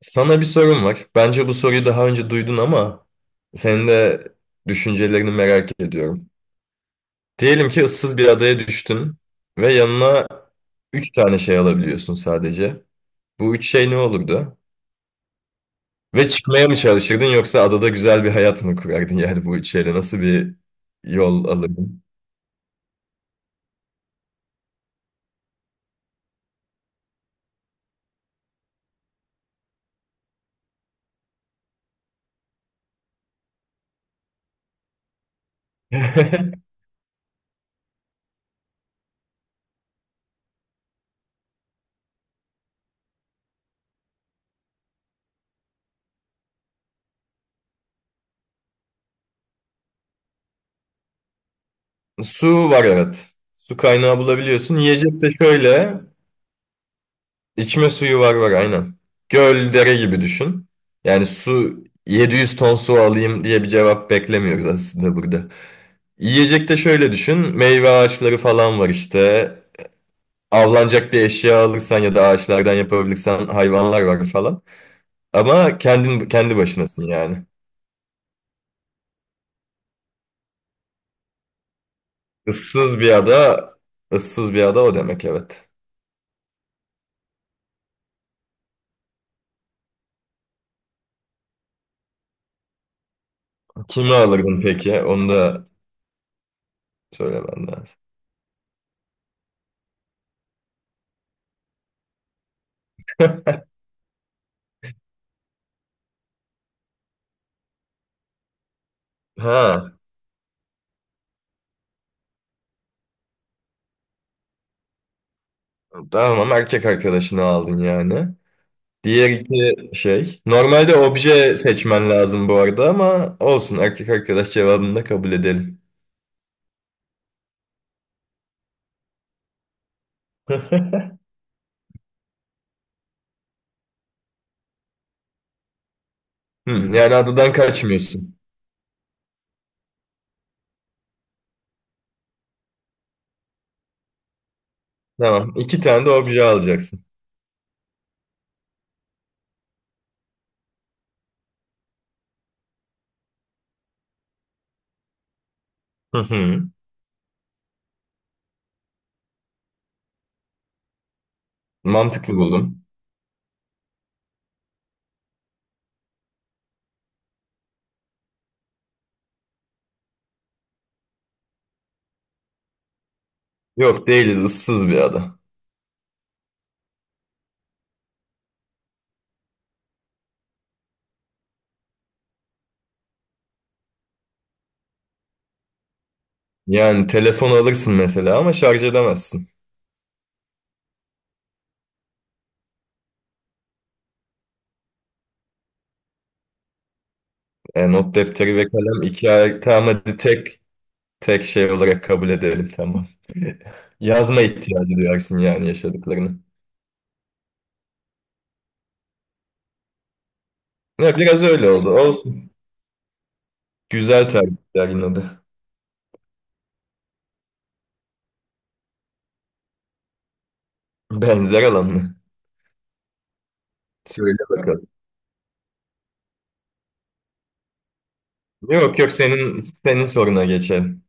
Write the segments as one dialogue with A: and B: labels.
A: Sana bir sorum var. Bence bu soruyu daha önce duydun ama senin de düşüncelerini merak ediyorum. Diyelim ki ıssız bir adaya düştün ve yanına 3 tane şey alabiliyorsun sadece. Bu 3 şey ne olurdu? Ve çıkmaya mı çalışırdın yoksa adada güzel bir hayat mı kurardın yani bu üç şeyle? Nasıl bir yol alırdın? Su var evet. Su kaynağı bulabiliyorsun. Yiyecek de şöyle. İçme suyu var var aynen. Göl, dere gibi düşün. Yani su 700 ton su alayım diye bir cevap beklemiyoruz aslında burada. Yiyecek de şöyle düşün. Meyve ağaçları falan var işte. Avlanacak bir eşya alırsan ya da ağaçlardan yapabilirsen hayvanlar var falan. Ama kendin kendi başınasın yani. Issız bir ada, ıssız bir ada o demek evet. Kimi alırdın peki? Onu da söylemen lazım. Ha, tamam erkek arkadaşını aldın yani. Diğer iki şey. Normalde obje seçmen lazım bu arada ama olsun erkek arkadaş cevabını da kabul edelim. Yani adadan kaçmıyorsun. Tamam. iki tane de obje alacaksın. Hı hı. Mantıklı buldum. Yok değiliz, ıssız bir ada. Yani telefon alırsın mesela ama şarj edemezsin. E, not defteri ve kalem tamam hadi tek tek şey olarak kabul edelim tamam. Yazma ihtiyacı duyarsın yani yaşadıklarını. Ya, biraz öyle oldu. Olsun. Güzel tercihler yine de. Benzer alan mı? Söyle bakalım. Yok yok, senin soruna geçelim.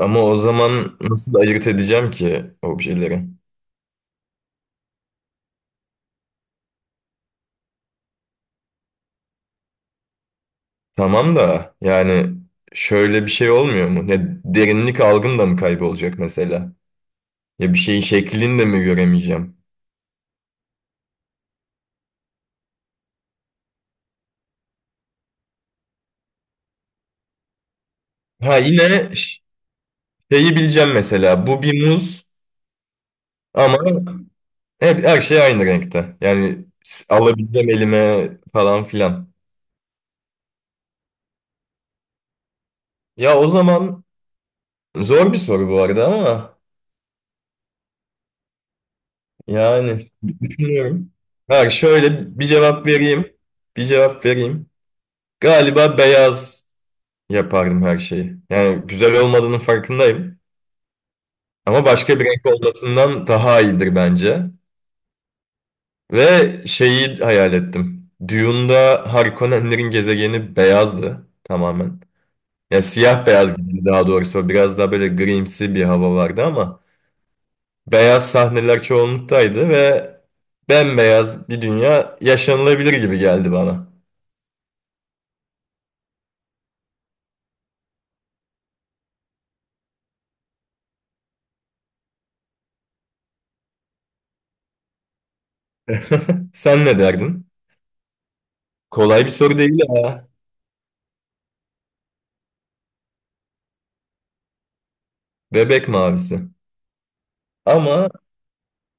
A: Ama o zaman nasıl ayırt edeceğim ki objeleri? Tamam da yani şöyle bir şey olmuyor mu? Ne derinlik algım da mı kaybolacak mesela? Ya bir şeyin şeklini de mi göremeyeceğim? Ha, yine şeyi bileceğim mesela. Bu bir muz ama hep her şey aynı renkte. Yani alabileceğim elime falan filan. Ya o zaman. Zor bir soru bu arada ama yani düşünüyorum. Ha, şöyle bir cevap vereyim. Bir cevap vereyim. Galiba beyaz yapardım her şeyi. Yani güzel olmadığının farkındayım. Ama başka bir renk olmasından daha iyidir bence. Ve şeyi hayal ettim. Dune'da Harkonnenlerin gezegeni beyazdı tamamen. Ya siyah beyaz gibi daha doğrusu. Biraz daha böyle grimsi bir hava vardı ama. Beyaz sahneler çoğunluktaydı ve bembeyaz bir dünya yaşanılabilir gibi geldi bana. Sen ne derdin? Kolay bir soru değil ya. Bebek mavisi. Ama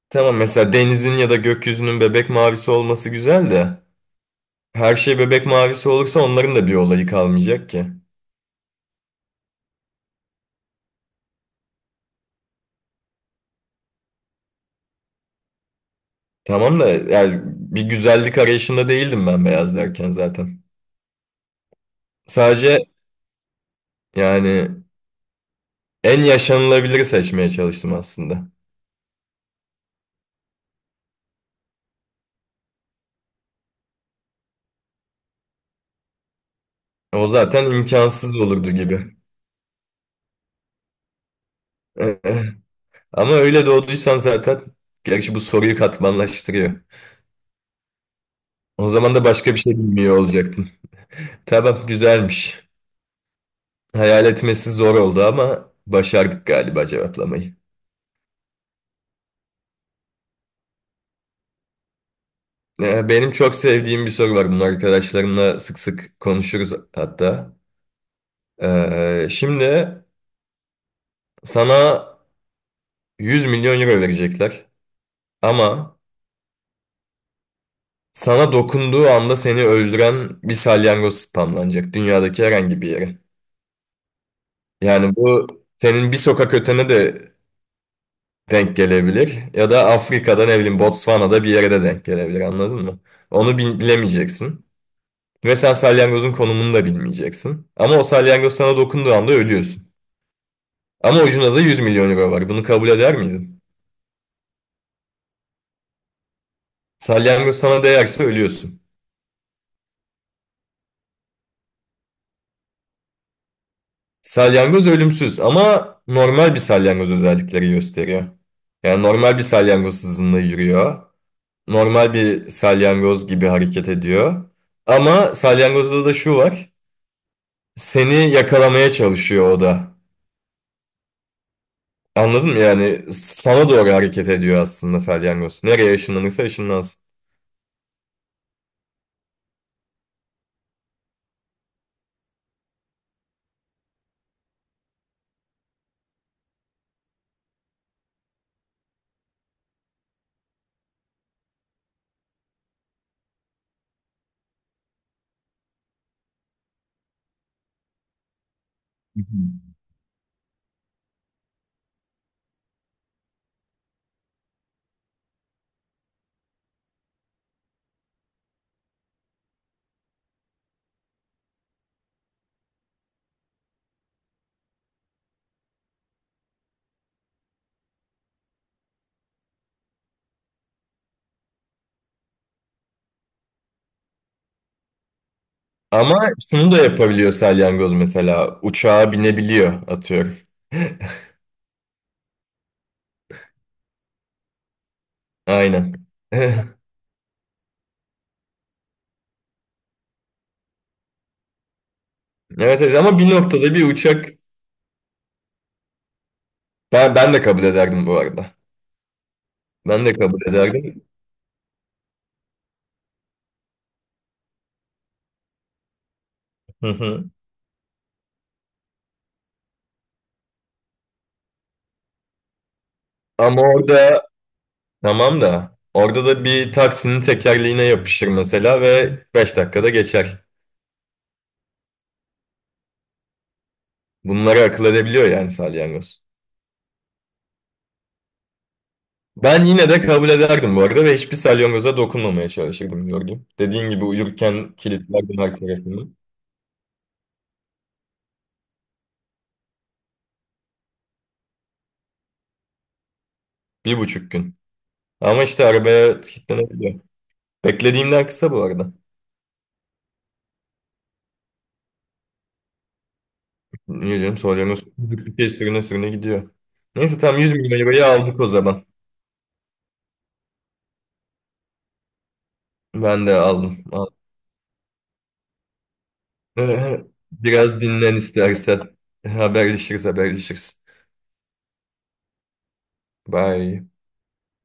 A: tamam, mesela denizin ya da gökyüzünün bebek mavisi olması güzel de her şey bebek mavisi olursa onların da bir olayı kalmayacak ki. Tamam da yani bir güzellik arayışında değildim ben beyaz derken zaten. Sadece yani en yaşanılabiliri seçmeye çalıştım aslında. O zaten imkansız olurdu gibi. Ama öyle doğduysan zaten, gerçi bu soruyu katmanlaştırıyor. O zaman da başka bir şey bilmiyor olacaktın. Tamam, güzelmiş. Hayal etmesi zor oldu ama başardık galiba cevaplamayı. Benim çok sevdiğim bir soru var. Bunu arkadaşlarımla sık sık konuşuruz hatta. Şimdi sana 100 milyon euro verecekler ama sana dokunduğu anda seni öldüren bir salyangoz spamlanacak dünyadaki herhangi bir yere. Yani bu senin bir sokak ötene de denk gelebilir. Ya da Afrika'da ne bileyim Botswana'da bir yere de denk gelebilir, anladın mı? Bilemeyeceksin. Ve sen salyangozun konumunu da bilmeyeceksin. Ama o salyangoz sana dokunduğu anda ölüyorsun. Ama ucunda da 100 milyon euro var. Bunu kabul eder miydin? Salyangoz sana değerse ölüyorsun. Salyangoz ölümsüz ama normal bir salyangoz özellikleri gösteriyor. Yani normal bir salyangoz hızında yürüyor. Normal bir salyangoz gibi hareket ediyor. Ama salyangozda da şu var. Seni yakalamaya çalışıyor o da. Anladın mı? Yani sana doğru hareket ediyor aslında salyangoz. Nereye ışınlanırsa ışınlansın. Hı hı. Ama şunu da yapabiliyor salyangoz mesela. Uçağa binebiliyor atıyorum. Aynen. Evet, evet, ama bir noktada bir uçak, ben de kabul ederdim bu arada. Ben de kabul ederdim. Hı hı. Ama orada Tamam da orada da bir taksinin tekerleğine yapışır mesela ve 5 dakikada geçer. Bunları akıl edebiliyor yani salyangoz. Ben yine de kabul ederdim bu arada ve hiçbir salyangoza dokunmamaya çalışırdım Jorgim. Dediğin gibi uyurken kilitlerdim her tarafını. 1,5 gün. Ama işte arabaya kilitlenebiliyor. Beklediğimden kısa bu arada. Niye canım, salyangoz bir şey, sürüne sürüne gidiyor. Neyse tam 100 bin lirayı aldık o zaman. Ben de aldım. Biraz dinlen istersen. Haberleşiriz, haberleşiriz. Bye.